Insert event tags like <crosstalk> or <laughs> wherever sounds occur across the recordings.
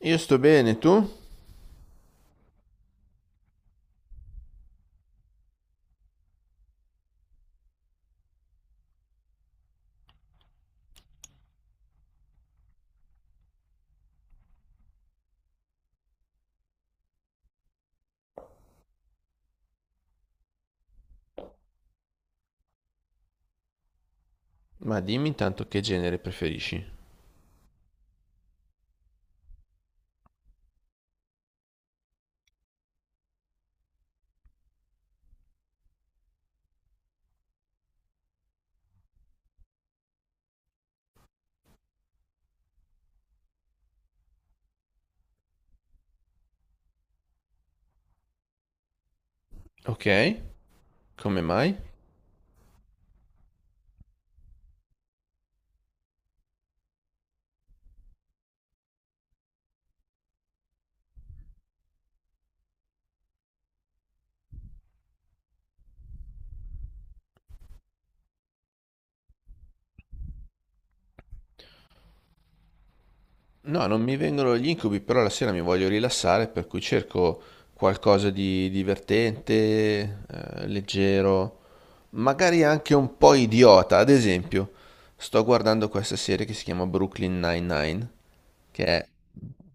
Io sto bene, tu? Ma dimmi intanto che genere preferisci. Ok, come mai? No, non mi vengono gli incubi, però la sera mi voglio rilassare, per cui cerco qualcosa di divertente, leggero, magari anche un po' idiota. Ad esempio, sto guardando questa serie che si chiama Brooklyn Nine-Nine, che è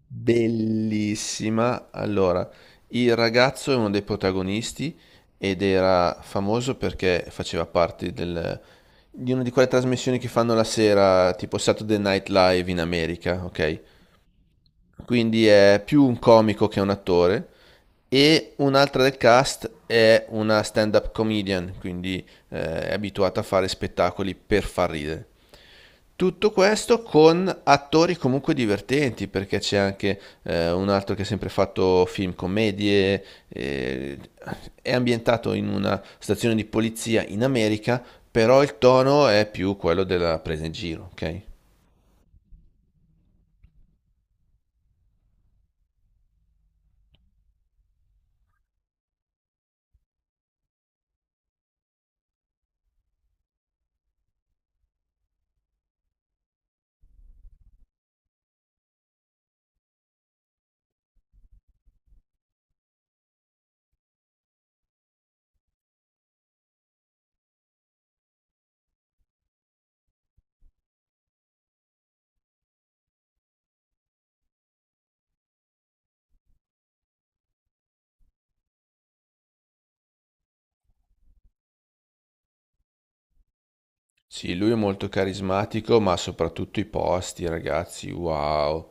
bellissima. Allora, il ragazzo è uno dei protagonisti ed era famoso perché di una di quelle trasmissioni che fanno la sera, tipo Saturday Night Live in America, ok? Quindi è più un comico che un attore. E un'altra del cast è una stand-up comedian, quindi è abituata a fare spettacoli per far ridere. Tutto questo con attori comunque divertenti, perché c'è anche un altro che ha sempre fatto film commedie, è ambientato in una stazione di polizia in America, però il tono è più quello della presa in giro, ok? Sì, lui è molto carismatico, ma soprattutto i posti, ragazzi, wow.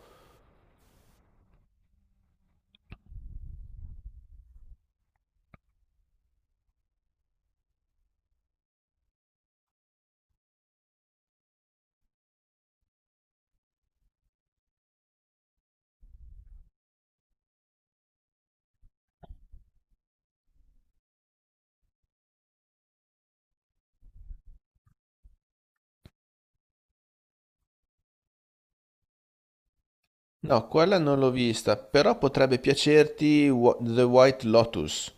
No, quella non l'ho vista, però potrebbe piacerti The White Lotus.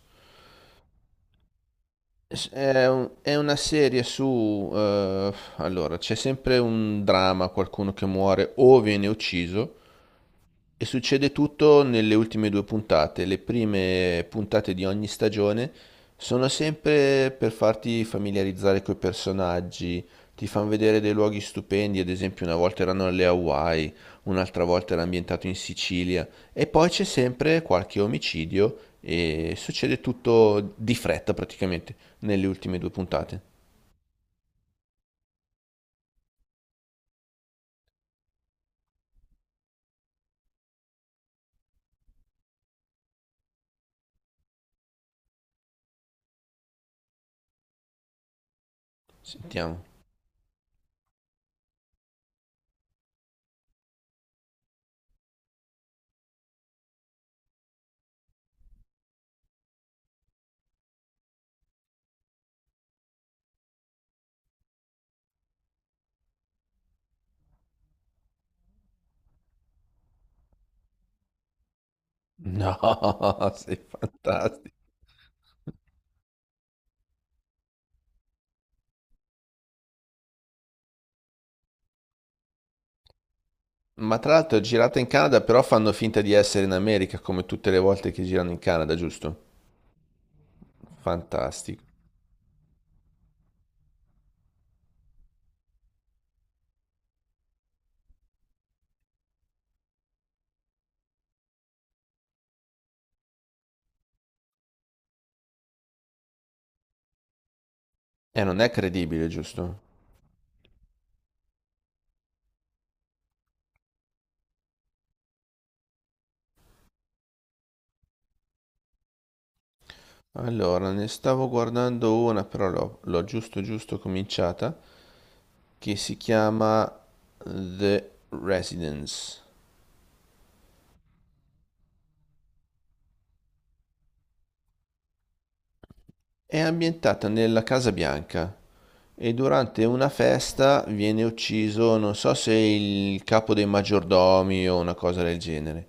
È, è una serie su... allora, c'è sempre un dramma, qualcuno che muore o viene ucciso. E succede tutto nelle ultime due puntate. Le prime puntate di ogni stagione sono sempre per farti familiarizzare coi personaggi, ti fanno vedere dei luoghi stupendi, ad esempio una volta erano alle Hawaii, un'altra volta era ambientato in Sicilia, e poi c'è sempre qualche omicidio e succede tutto di fretta praticamente nelle ultime due puntate. Sentiamo. No, <laughs> sei fantastico. Ma tra l'altro è girata in Canada, però fanno finta di essere in America come tutte le volte che girano in Canada, giusto? Fantastico. E non è credibile, giusto? Allora, ne stavo guardando una, però l'ho giusto cominciata, che si chiama The Residence. È ambientata nella Casa Bianca e durante una festa viene ucciso, non so se il capo dei maggiordomi o una cosa del genere.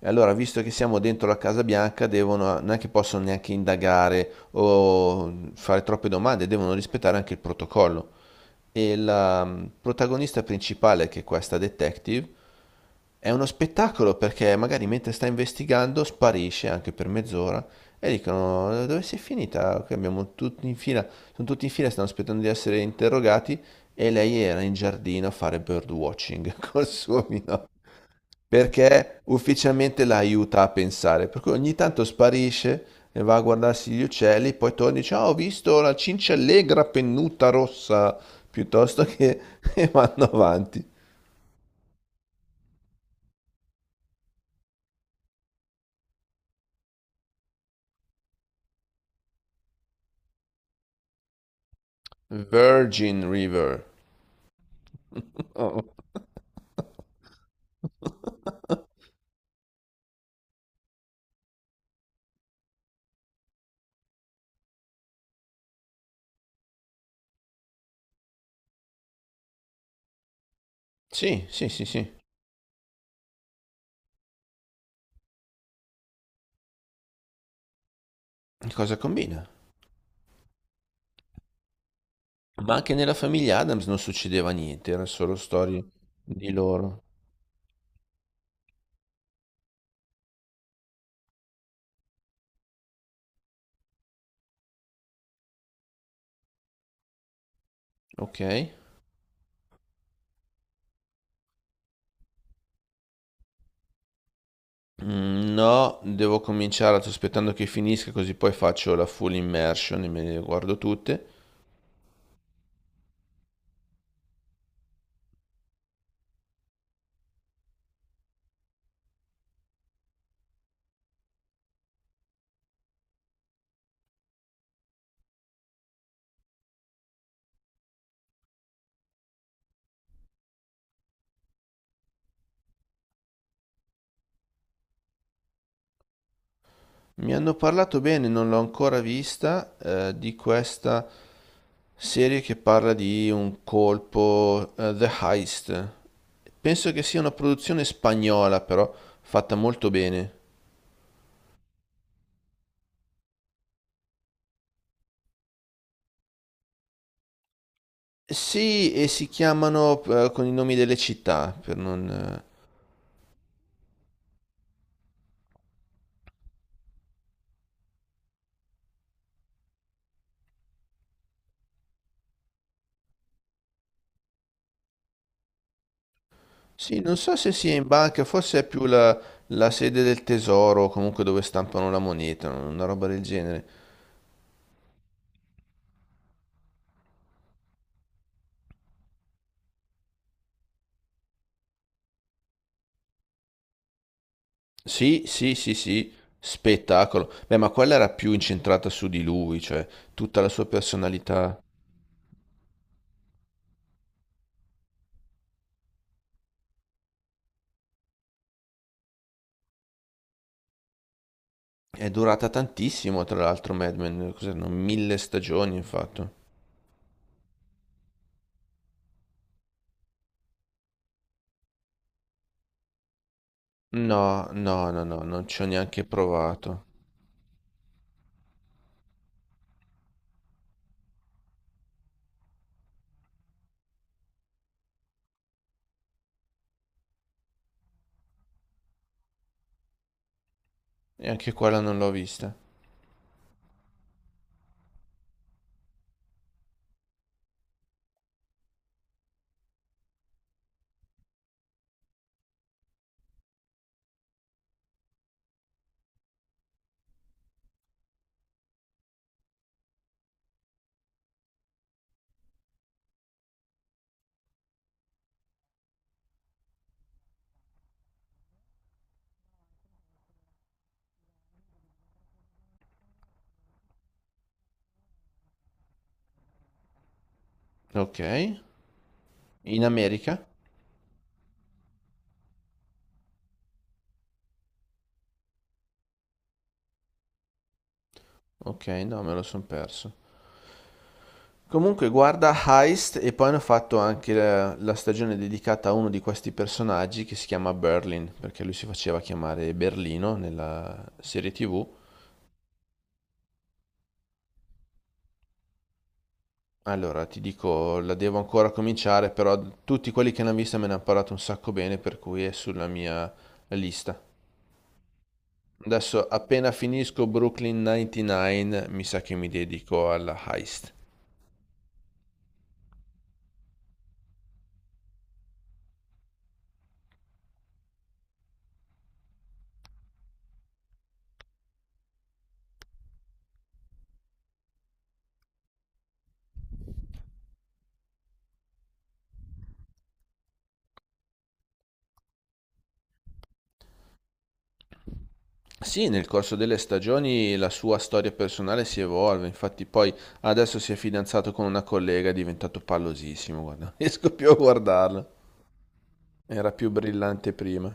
E allora, visto che siamo dentro la Casa Bianca, devono, non è che possono neanche indagare o fare troppe domande, devono rispettare anche il protocollo. E la protagonista principale, che è questa detective, è uno spettacolo perché magari mentre sta investigando sparisce anche per mezz'ora e dicono dove sei finita? Qui abbiamo tutti in fila, sono tutti in fila, stanno aspettando di essere interrogati e lei era in giardino a fare birdwatching <laughs> col suo mino perché ufficialmente la aiuta a pensare, per cui ogni tanto sparisce e va a guardarsi gli uccelli, poi torna e dice "Ah, ho visto la cinciallegra pennuta rossa piuttosto che" <laughs> e vanno avanti. Virgin River. Oh. Oh. Sì, sì, sì, sì. Cosa combina? Ma anche nella famiglia Adams non succedeva niente, erano solo storie di loro. Ok. Mm, no, devo cominciare aspettando che finisca così poi faccio la full immersion e me le guardo tutte. Mi hanno parlato bene, non l'ho ancora vista, di questa serie che parla di un colpo, The Heist. Penso che sia una produzione spagnola, però fatta molto bene. Sì, e si chiamano con i nomi delle città, per non... Sì, non so se sia in banca, forse è più la sede del tesoro, o comunque dove stampano la moneta, una roba del genere. Sì, sì, sì, sì, spettacolo. Beh, ma quella era più incentrata su di lui, cioè tutta la sua personalità. È durata tantissimo, tra l'altro, Mad Men, cos'erano? Mille stagioni, infatti. No, no, no, no, non ci ho neanche provato. E anche quella non l'ho vista. Ok. In America? Ok, no, me lo son perso. Comunque guarda Heist e poi hanno fatto anche la stagione dedicata a uno di questi personaggi che si chiama Berlin, perché lui si faceva chiamare Berlino nella serie TV. Allora, ti dico, la devo ancora cominciare, però tutti quelli che l'hanno vista me ne hanno parlato un sacco bene, per cui è sulla mia lista. Adesso appena finisco Brooklyn 99, mi sa che mi dedico alla Heist. Sì, nel corso delle stagioni la sua storia personale si evolve, infatti poi adesso si è fidanzato con una collega, è diventato pallosissimo, guarda, <laughs> non riesco più a guardarlo. Era più brillante prima.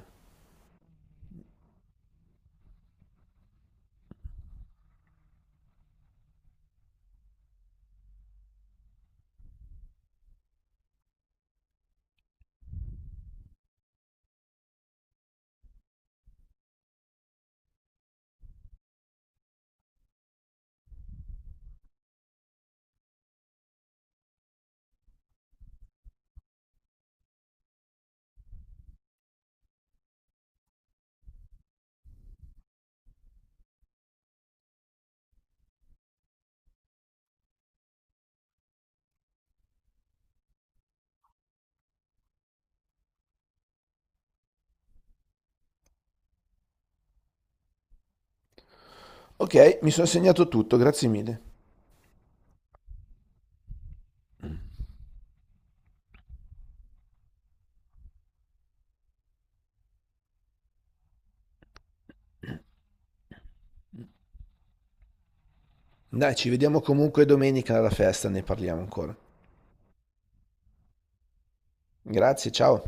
Ok, mi sono segnato tutto, grazie mille. Dai, ci vediamo comunque domenica alla festa, ne parliamo ancora. Grazie, ciao.